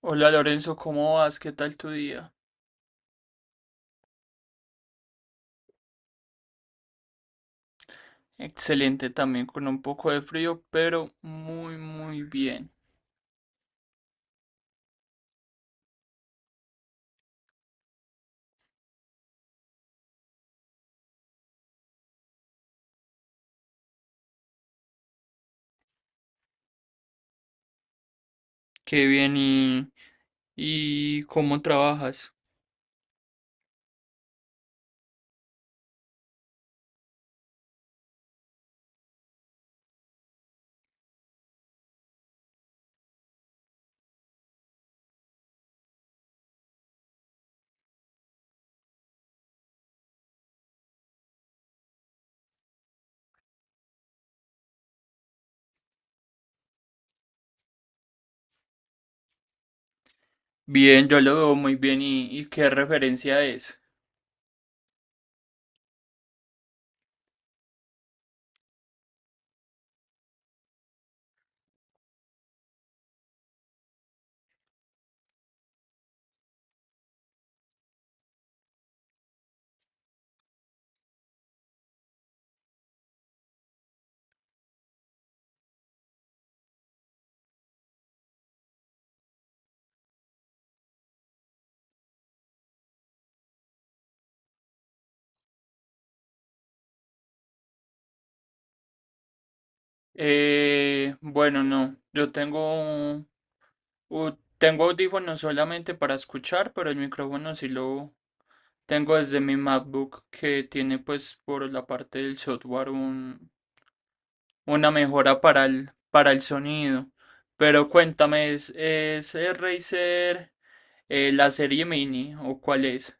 Hola Lorenzo, ¿cómo vas? ¿Qué tal tu día? Excelente también, con un poco de frío, pero muy, muy bien. Qué bien y ¿cómo trabajas? Bien, yo lo veo muy bien y ¿qué referencia es? Bueno, no, yo tengo, tengo audífonos solamente para escuchar, pero el micrófono sí lo tengo desde mi MacBook que tiene pues por la parte del software una mejora para para el sonido. Pero cuéntame, ¿ es el Razer la serie mini o cuál es?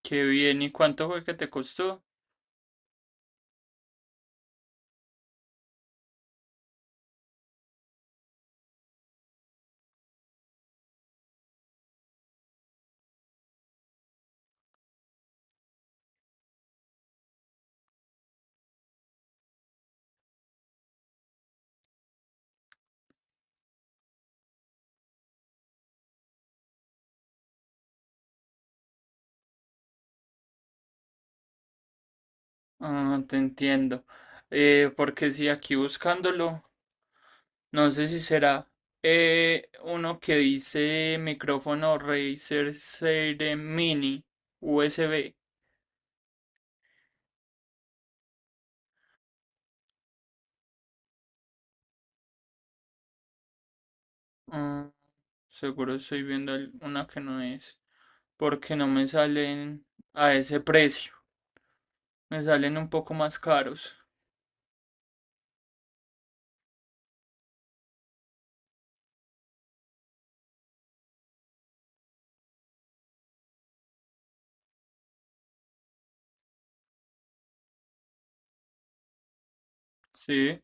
¿Qué bien y cuánto fue que te costó? Ah, te entiendo. Porque si aquí buscándolo, no sé si será uno que dice micrófono Razer Serie Mini USB. Ah, seguro estoy viendo una que no es, porque no me salen a ese precio. Me salen un poco más caros. Sí.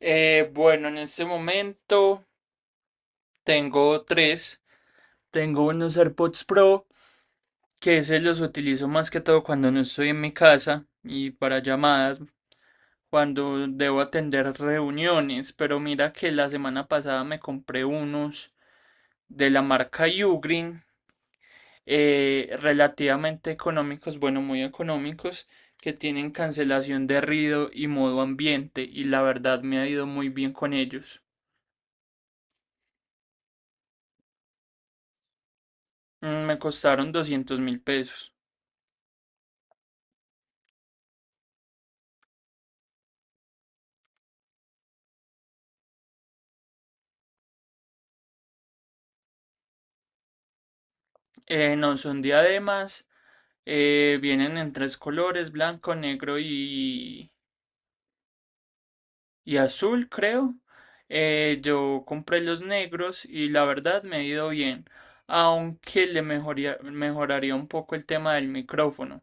Bueno, en este momento tengo tres. Tengo unos AirPods Pro, que se los utilizo más que todo cuando no estoy en mi casa y para llamadas, cuando debo atender reuniones. Pero mira que la semana pasada me compré unos de la marca Ugreen relativamente económicos, bueno, muy económicos, que tienen cancelación de ruido y modo ambiente, y la verdad me ha ido muy bien con ellos. Me costaron 200.000 pesos. No son diademas, vienen en tres colores, blanco, negro y azul, creo. Yo compré los negros y la verdad me ha ido bien, aunque mejoraría un poco el tema del micrófono.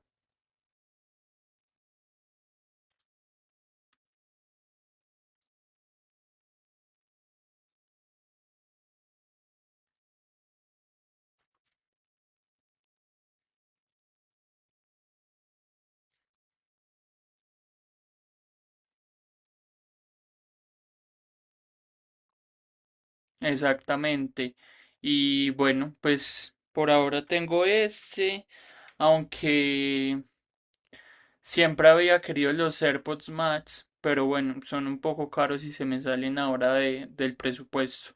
Exactamente. Y bueno, pues por ahora tengo este, aunque siempre había querido los AirPods Max, pero bueno, son un poco caros y se me salen ahora del presupuesto.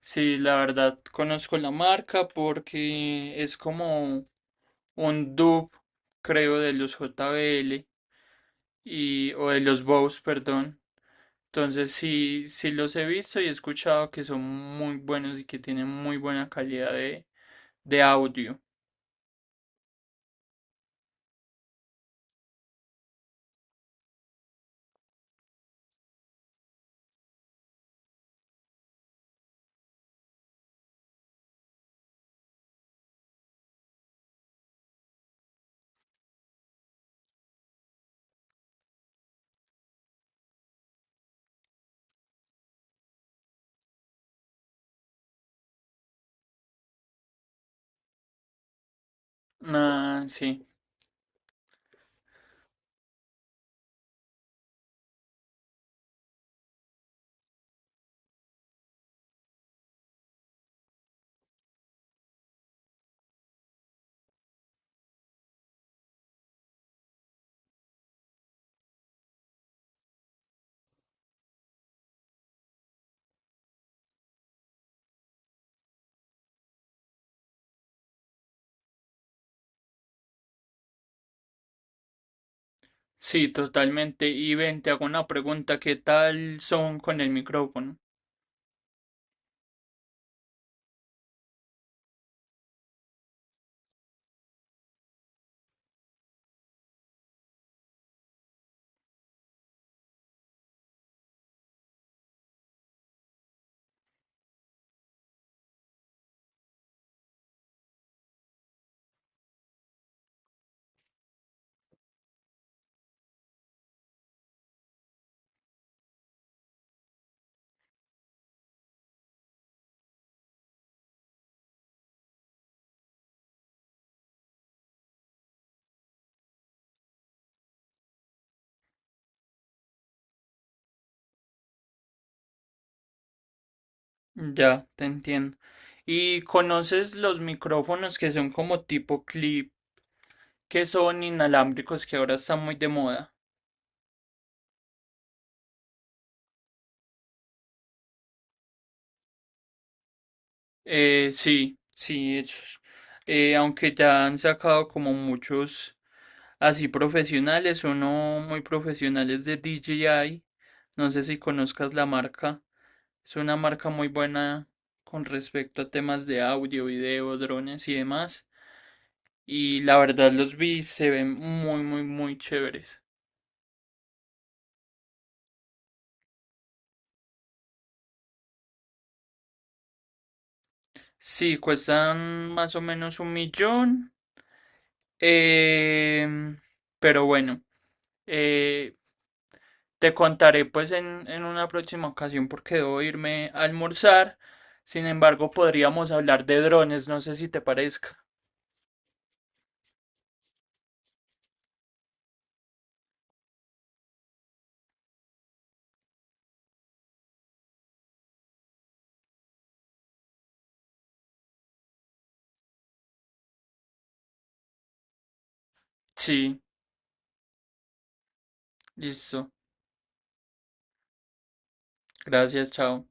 Sí, la verdad conozco la marca porque es como un dupe, creo, de los JBL o de los Bose, perdón. Entonces sí, sí los he visto y he escuchado que son muy buenos y que tienen muy buena calidad de audio. Ah, sí, sí, totalmente. Y ven, te hago una pregunta, ¿qué tal son con el micrófono? Ya, te entiendo. ¿Y conoces los micrófonos que son como tipo clip, que son inalámbricos, que ahora están muy de moda? Sí, sí, esos. Aunque ya han sacado como muchos. Así profesionales o no muy profesionales de DJI. No sé si conozcas la marca. Es una marca muy buena con respecto a temas de audio, video, drones y demás. Y la verdad los vi, se ven muy, muy, muy chéveres. Sí, cuestan más o menos un millón. em, pero bueno, eh, te contaré pues en una próxima ocasión porque debo irme a almorzar. Sin embargo, podríamos hablar de drones, no sé si te parezca. Sí, listo. Gracias, chao.